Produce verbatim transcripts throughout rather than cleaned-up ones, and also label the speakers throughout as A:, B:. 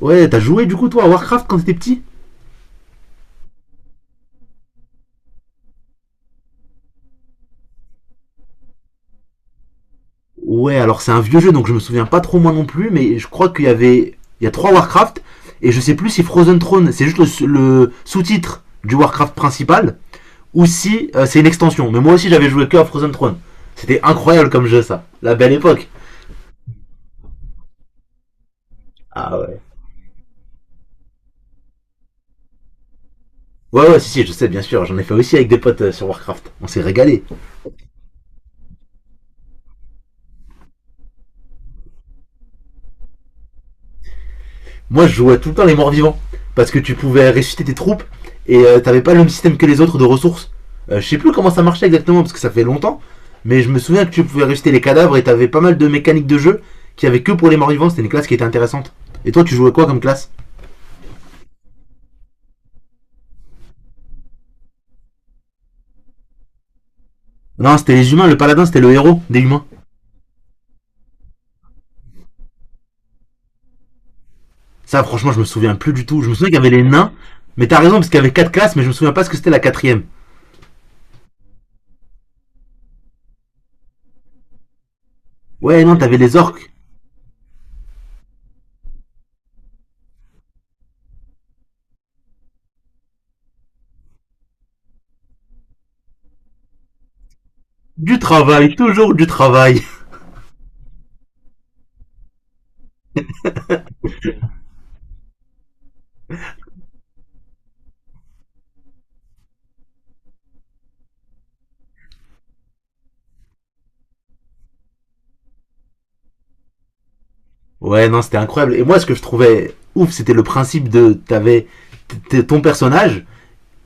A: Ouais, t'as joué du coup toi à Warcraft quand t'étais petit? Ouais, alors c'est un vieux jeu donc je me souviens pas trop moi non plus, mais je crois qu'il y avait. Il y a trois Warcraft et je sais plus si Frozen Throne c'est juste le, le sous-titre du Warcraft principal ou si euh, c'est une extension. Mais moi aussi j'avais joué que à Frozen Throne. C'était incroyable comme jeu ça. La belle époque. Ah ouais. Ouais, ouais, si, si, je sais, bien sûr. J'en ai fait aussi avec des potes euh, sur Warcraft. On s'est régalé. Moi, je jouais tout le temps les morts vivants. Parce que tu pouvais ressusciter tes troupes et euh, t'avais pas le même système que les autres de ressources. Euh, je sais plus comment ça marchait exactement parce que ça fait longtemps. Mais je me souviens que tu pouvais ressusciter les cadavres et t'avais pas mal de mécaniques de jeu qui avaient que pour les morts vivants. C'était une classe qui était intéressante. Et toi, tu jouais quoi comme classe? Non, c'était les humains. Le paladin, c'était le héros des humains. Ça, franchement, je me souviens plus du tout. Je me souviens qu'il y avait les nains. Mais t'as raison parce qu'il y avait quatre classes, mais je me souviens pas ce que c'était la quatrième. Ouais, non, t'avais les orques. Du travail, toujours du travail. Ouais, non, c'était incroyable. Et moi, ce que je trouvais ouf, c'était le principe de t'avais t- ton personnage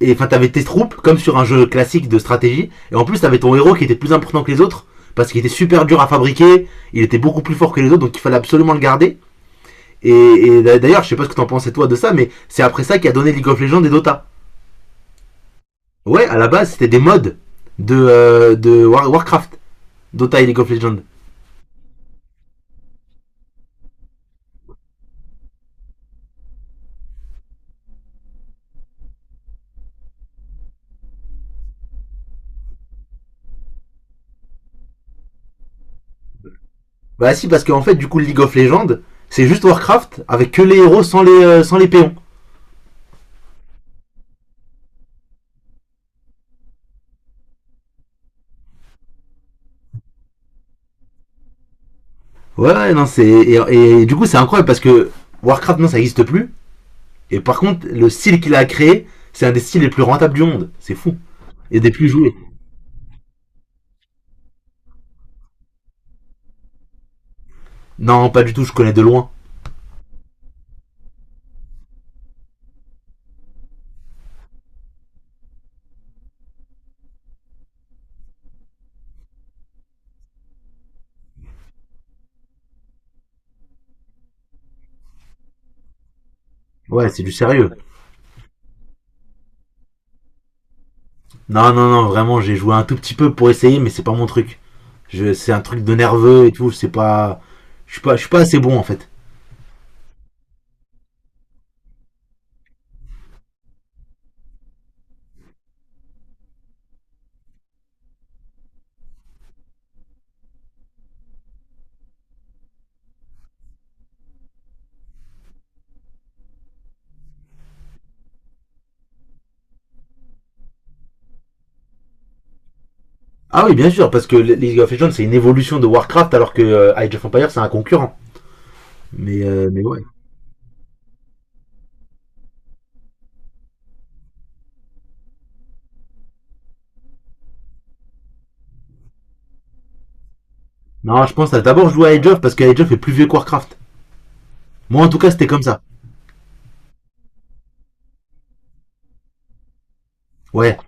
A: et enfin t'avais tes troupes comme sur un jeu classique de stratégie. Et en plus, t'avais ton héros qui était plus important que les autres parce qu'il était super dur à fabriquer. Il était beaucoup plus fort que les autres, donc il fallait absolument le garder. Et, et d'ailleurs, je sais pas ce que t'en pensais toi de ça, mais c'est après ça qui a donné League of Legends et Dota. Ouais, à la base, c'était des mods de euh, de War- Warcraft, Dota et League of Legends. Bah si, parce qu'en fait, du coup, League of Legends, c'est juste Warcraft avec que les héros sans les euh, sans les péons. Ouais, non, c'est. Et, et du coup, c'est incroyable parce que Warcraft, non, ça n'existe plus. Et par contre, le style qu'il a créé, c'est un des styles les plus rentables du monde. C'est fou. Et des plus joués. Non, pas du tout, je connais de loin. Ouais, c'est du sérieux. Non, non, non, vraiment, j'ai joué un tout petit peu pour essayer, mais c'est pas mon truc. Je, c'est un truc de nerveux et tout, c'est pas. Je suis pas, je suis pas assez bon en fait. Ah oui, bien sûr, parce que League of Legends, c'est une évolution de Warcraft, alors que euh, Age of Empires, c'est un concurrent. Mais, euh, mais ouais. Non, je pense à d'abord jouer à Age of, parce que Age of est plus vieux que Warcraft. Moi, en tout cas, c'était comme ça. Ouais.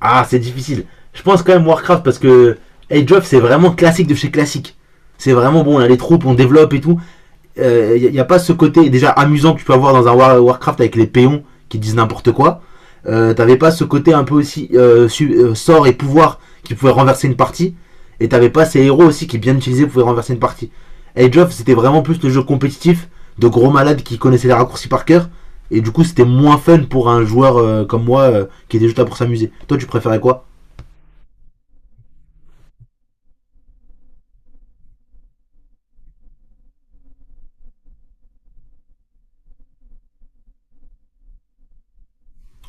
A: Ah, c'est difficile. Je pense quand même Warcraft parce que Age of, c'est vraiment classique de chez classique. C'est vraiment bon, là, les troupes, on développe et tout. il euh, n'y a, a pas ce côté déjà amusant que tu peux avoir dans un War- Warcraft avec les péons qui disent n'importe quoi. Euh, T'avais pas ce côté un peu aussi euh, su- euh, sort et pouvoir qui pouvait renverser une partie. Et t'avais pas ces héros aussi qui bien utilisés pouvaient renverser une partie. Age of c'était vraiment plus le jeu compétitif de gros malades qui connaissaient les raccourcis par cœur. Et du coup c'était moins fun pour un joueur euh, comme moi euh, qui était juste là pour s'amuser. Toi tu préférais quoi?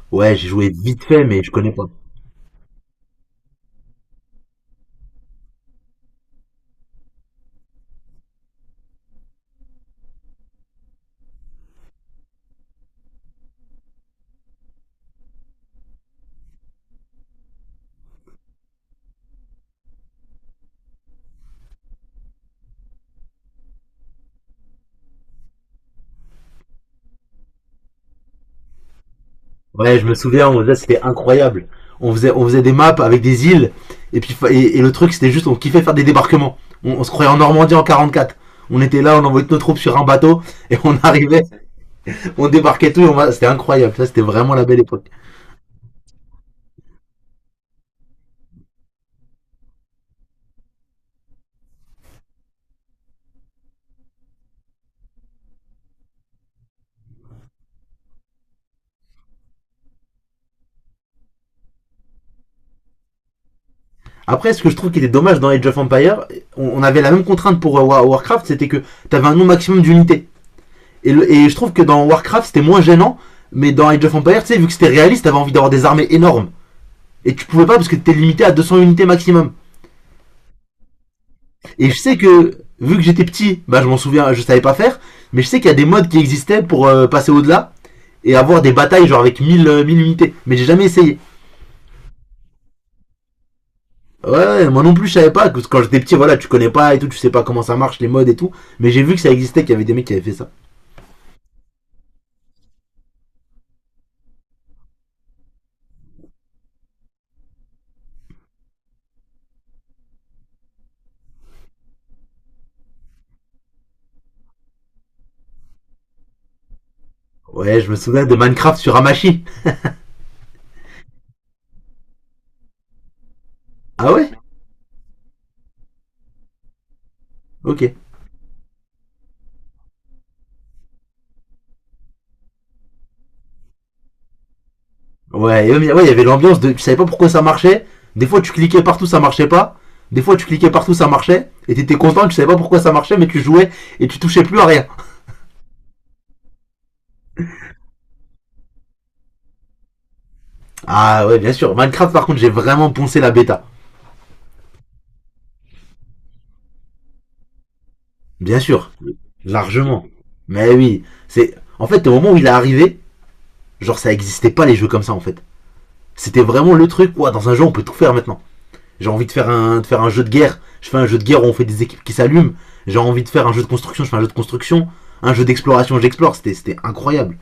A: Ouais j'ai joué vite fait mais je connais pas. Ouais, je me souviens, on faisait, c'était incroyable. On faisait, on faisait des maps avec des îles, et puis fa- et, et le truc, c'était juste, on kiffait faire des débarquements. On, on se croyait en Normandie en quarante-quatre. On était là, on envoyait toutes nos troupes sur un bateau, et on arrivait, on débarquait tout, et on va- c'était incroyable. Ça, c'était vraiment la belle époque. Après, ce que je trouve qui était dommage dans Age of Empire, on, on avait la même contrainte pour euh, Wa- Warcraft, c'était que t'avais un nombre maximum d'unités. Et, le- et je trouve que dans Warcraft, c'était moins gênant, mais dans Age of Empire, tu sais, vu que c'était réaliste, t'avais envie d'avoir des armées énormes. Et tu pouvais pas parce que t'étais limité à deux cents unités maximum. Et je sais que, vu que j'étais petit, bah, je m'en souviens, je savais pas faire. Mais je sais qu'il y a des modes qui existaient pour euh, passer au-delà et avoir des batailles genre avec mille euh, unités. Mais j'ai jamais essayé. Ouais, ouais, ouais, moi non plus, je savais pas. Parce que quand j'étais petit, voilà, tu connais pas et tout, tu sais pas comment ça marche, les modes et tout. Mais j'ai vu que ça existait, qu'il y avait des mecs qui avaient fait ça. Ouais, je me souviens de Minecraft sur Hamachi. Ah ouais. Ok. Ouais, et, euh, ouais, il y avait l'ambiance de. Tu savais pas pourquoi ça marchait. Des fois, tu cliquais partout, ça marchait pas. Des fois, tu cliquais partout, ça marchait. Et t'étais content, tu savais pas pourquoi ça marchait, mais tu jouais et tu touchais plus à rien. Ah ouais, bien sûr. Minecraft, par contre, j'ai vraiment poncé la bêta. Bien sûr. Largement. Mais oui, c'est... En fait, au moment où il est arrivé, genre, ça existait pas les jeux comme ça, en fait. C'était vraiment le truc, quoi. Dans un jeu, on peut tout faire maintenant. J'ai envie de faire un, de faire un jeu de guerre. Je fais un jeu de guerre où on fait des équipes qui s'allument. J'ai envie de faire un jeu de construction. Je fais un jeu de construction. Un jeu d'exploration, j'explore. C'était, c'était incroyable.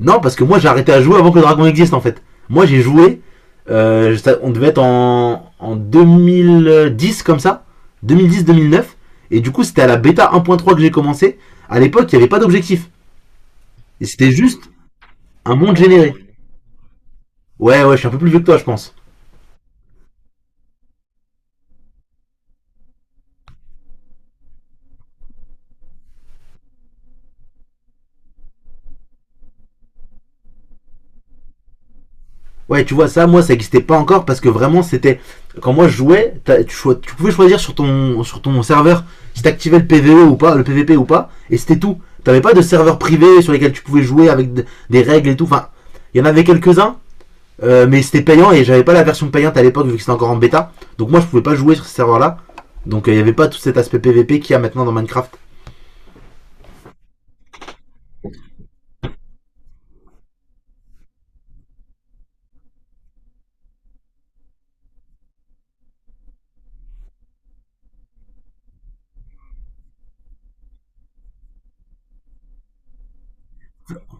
A: Non, parce que moi j'ai arrêté à jouer avant que le dragon existe en fait. Moi j'ai joué, euh, ça- on devait être en, en deux mille dix comme ça, deux mille dix-deux mille neuf, et du coup c'était à la bêta un point trois que j'ai commencé. À l'époque il n'y avait pas d'objectif, et c'était juste un monde généré. Ouais, ouais, je suis un peu plus vieux que toi je pense. Ouais, tu vois, ça, moi, ça n'existait pas encore parce que vraiment, c'était. Quand moi, je jouais, t'as- tu, cho- tu pouvais choisir sur ton, sur ton serveur si t'activais le P V E ou pas, le P V P ou pas, et c'était tout. T'avais pas de serveur privé sur lesquels tu pouvais jouer avec d- des règles et tout. Enfin, il y en avait quelques-uns, euh, mais c'était payant et j'avais pas la version payante à l'époque vu que c'était encore en bêta. Donc moi, je pouvais pas jouer sur ce serveur-là. Donc euh, il y avait pas tout cet aspect P V P qu'il y a maintenant dans Minecraft.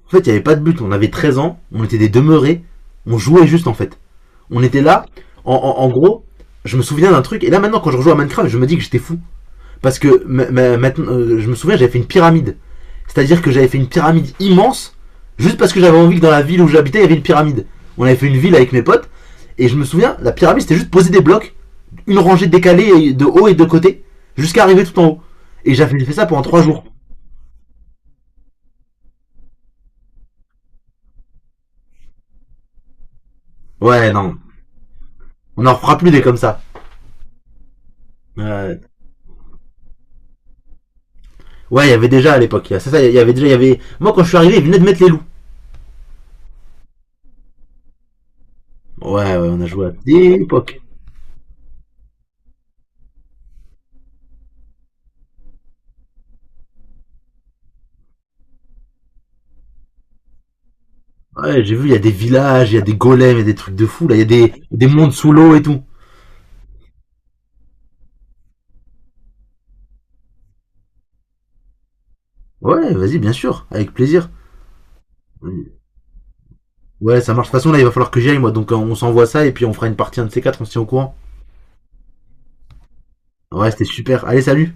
A: En fait, il y avait pas de but. On avait treize ans, on était des demeurés, on jouait juste en fait. On était là, en, en- en gros, je me souviens d'un truc, et là maintenant quand je rejoue à Minecraft, je me dis que j'étais fou. Parce que maintenant, euh, je me souviens, j'avais fait une pyramide. C'est-à-dire que j'avais fait une pyramide immense, juste parce que j'avais envie que dans la ville où j'habitais, il y avait une pyramide. On avait fait une ville avec mes potes, et je me souviens, la pyramide c'était juste poser des blocs, une rangée décalée de haut et de côté, jusqu'à arriver tout en haut. Et j'avais fait ça pendant trois jours. Ouais, non, on n'en fera plus des comme ça. Euh, ouais, il y avait déjà à l'époque, il ça, il y avait déjà, il y avait... Moi quand je suis arrivé, ils venaient de mettre les loups. Ouais, ouais, on a joué à des époques. Ouais, j'ai vu, il y a des villages, il y a des golems, il y a des trucs de fou, là, il y a des, des mondes sous l'eau et tout. Ouais, vas-y, bien sûr, avec plaisir. Ouais, ça marche. De toute façon, là, il va falloir que j'y aille, moi, donc euh, on s'envoie ça et puis on fera une partie un de ces quatre, on se tient au courant. Ouais, c'était super. Allez, salut!